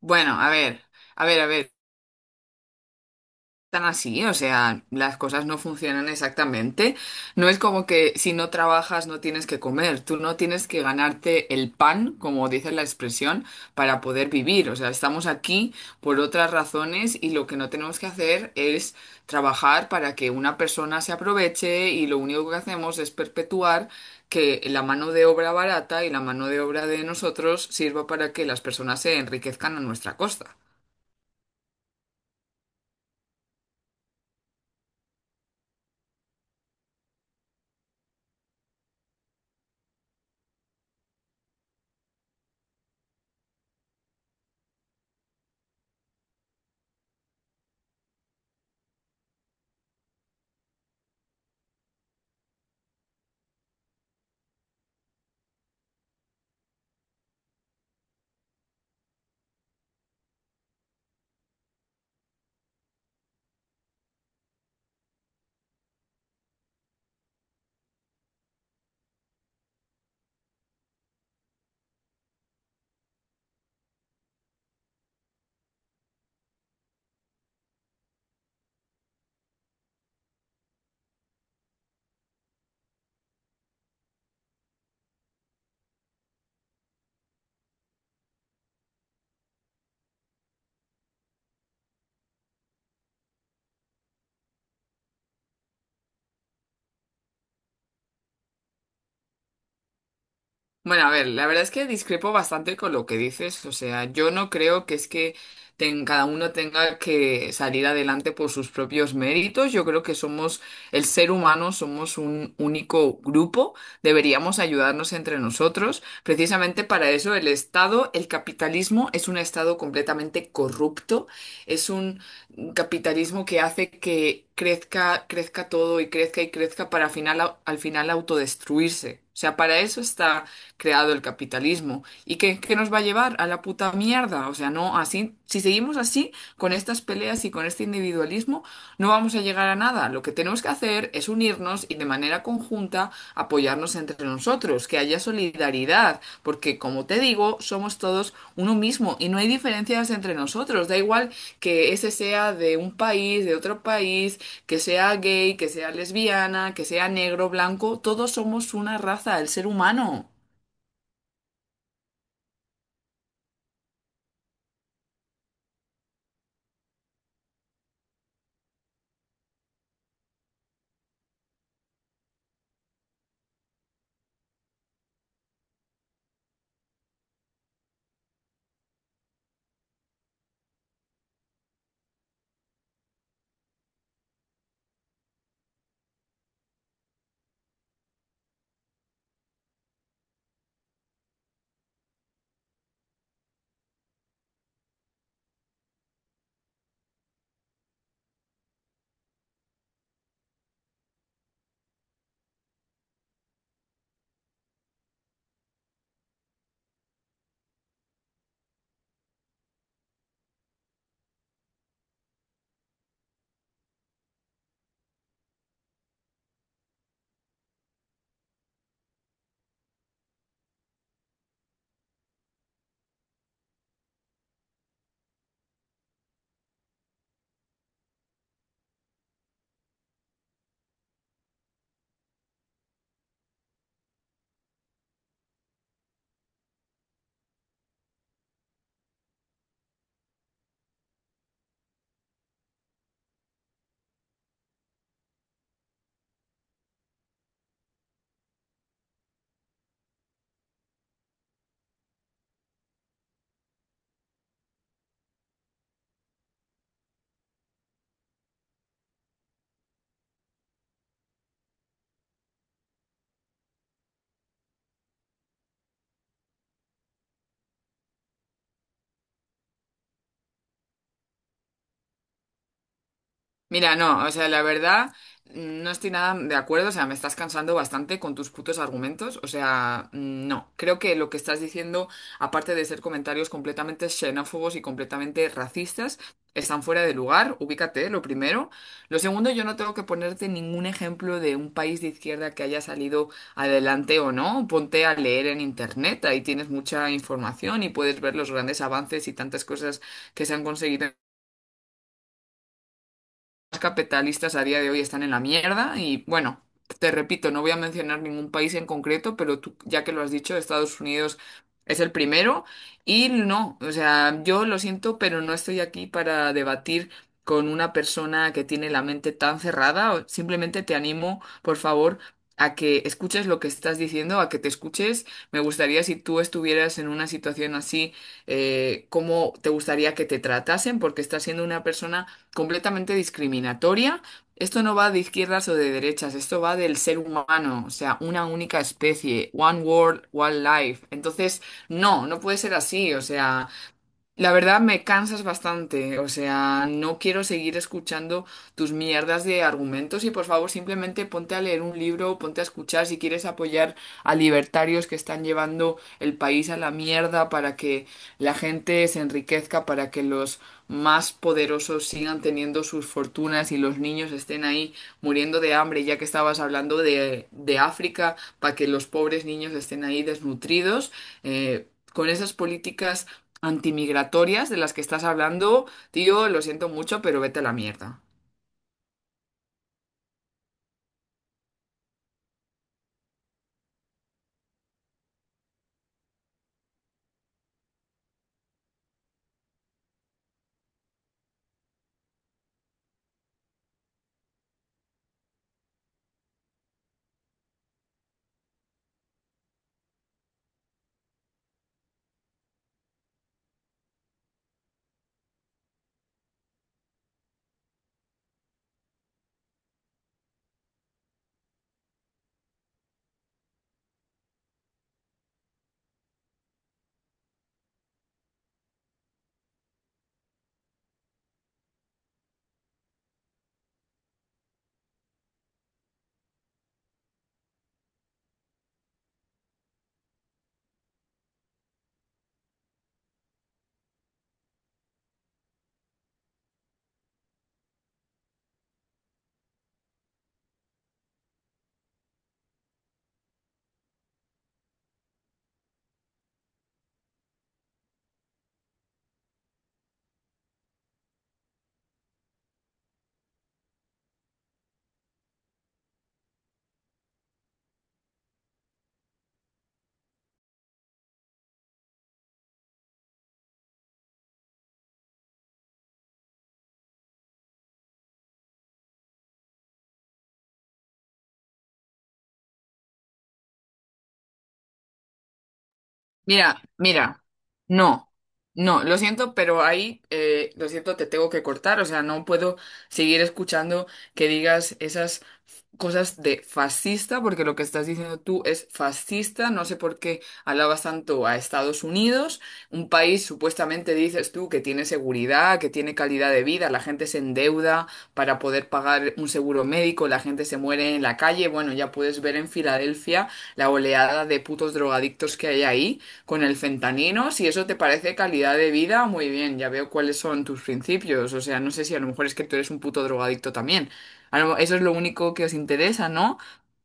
Bueno, a ver, a ver, a ver, tan así, o sea, las cosas no funcionan exactamente. No es como que si no trabajas no tienes que comer, tú no tienes que ganarte el pan, como dice la expresión, para poder vivir. O sea, estamos aquí por otras razones y lo que no tenemos que hacer es trabajar para que una persona se aproveche y lo único que hacemos es perpetuar que la mano de obra barata y la mano de obra de nosotros sirva para que las personas se enriquezcan a nuestra costa. Bueno, a ver, la verdad es que discrepo bastante con lo que dices. O sea, yo no creo que es que cada uno tenga que salir adelante por sus propios méritos. Yo creo que somos el ser humano, somos un único grupo. Deberíamos ayudarnos entre nosotros. Precisamente para eso el Estado, el capitalismo es un Estado completamente corrupto. Es un capitalismo que hace que crezca, crezca todo y crezca para final, al final autodestruirse. O sea, para eso está creado el capitalismo. ¿Y qué nos va a llevar? A la puta mierda. O sea, no así, si seguimos así, con estas peleas y con este individualismo, no vamos a llegar a nada. Lo que tenemos que hacer es unirnos y de manera conjunta apoyarnos entre nosotros, que haya solidaridad, porque como te digo, somos todos uno mismo y no hay diferencias entre nosotros. Da igual que ese sea de un país, de otro país, que sea gay, que sea lesbiana, que sea negro, blanco, todos somos una raza, el ser humano. Mira, no, o sea, la verdad, no estoy nada de acuerdo, o sea, me estás cansando bastante con tus putos argumentos, o sea, no, creo que lo que estás diciendo, aparte de ser comentarios completamente xenófobos y completamente racistas, están fuera de lugar, ubícate, lo primero. Lo segundo, yo no tengo que ponerte ningún ejemplo de un país de izquierda que haya salido adelante o no, ponte a leer en internet, ahí tienes mucha información y puedes ver los grandes avances y tantas cosas que se han conseguido capitalistas a día de hoy están en la mierda y bueno, te repito, no voy a mencionar ningún país en concreto, pero tú, ya que lo has dicho, Estados Unidos es el primero y no, o sea, yo lo siento, pero no estoy aquí para debatir con una persona que tiene la mente tan cerrada, simplemente te animo, por favor, a que escuches lo que estás diciendo, a que te escuches. Me gustaría si tú estuvieras en una situación así, cómo te gustaría que te tratasen, porque estás siendo una persona completamente discriminatoria. Esto no va de izquierdas o de derechas, esto va del ser humano, o sea, una única especie, one world, one life. Entonces, no, no puede ser así, o sea, la verdad me cansas bastante, o sea, no quiero seguir escuchando tus mierdas de argumentos y por favor simplemente ponte a leer un libro, ponte a escuchar si quieres apoyar a libertarios que están llevando el país a la mierda para que la gente se enriquezca, para que los más poderosos sigan teniendo sus fortunas y los niños estén ahí muriendo de hambre, ya que estabas hablando de África, para que los pobres niños estén ahí desnutridos. eh, Con esas políticas antimigratorias de las que estás hablando, tío, lo siento mucho, pero vete a la mierda. Mira, no, no, lo siento, pero ahí, lo siento, te tengo que cortar, o sea, no puedo seguir escuchando que digas esas cosas de fascista, porque lo que estás diciendo tú es fascista. No sé por qué alabas tanto a Estados Unidos, un país supuestamente dices tú que tiene seguridad, que tiene calidad de vida, la gente se endeuda para poder pagar un seguro médico, la gente se muere en la calle. Bueno, ya puedes ver en Filadelfia la oleada de putos drogadictos que hay ahí con el fentanino. Si eso te parece calidad de vida, muy bien, ya veo cuáles son tus principios. O sea, no sé si a lo mejor es que tú eres un puto drogadicto también. Eso es lo único que os interesa, ¿no?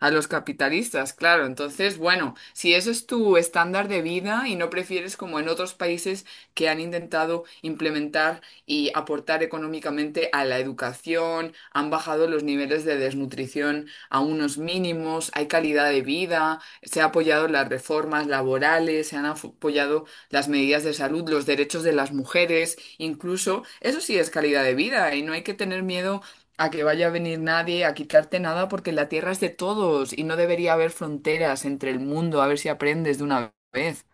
A los capitalistas, claro. Entonces, bueno, si eso es tu estándar de vida y no prefieres como en otros países que han intentado implementar y aportar económicamente a la educación, han bajado los niveles de desnutrición a unos mínimos, hay calidad de vida, se ha apoyado las reformas laborales, se han apoyado las medidas de salud, los derechos de las mujeres, incluso eso sí es calidad de vida y no hay que tener miedo a que vaya a venir nadie a quitarte nada porque la tierra es de todos y no debería haber fronteras entre el mundo. A ver si aprendes de una vez.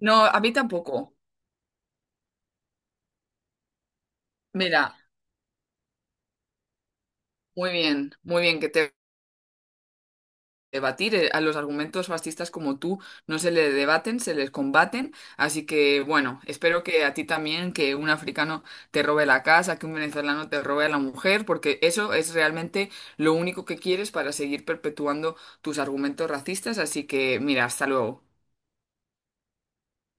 No, a mí tampoco. Mira, muy bien que te debatir. A los argumentos fascistas como tú no se les debaten, se les combaten. Así que bueno, espero que a ti también, que un africano te robe la casa, que un venezolano te robe a la mujer, porque eso es realmente lo único que quieres para seguir perpetuando tus argumentos racistas. Así que mira, hasta luego.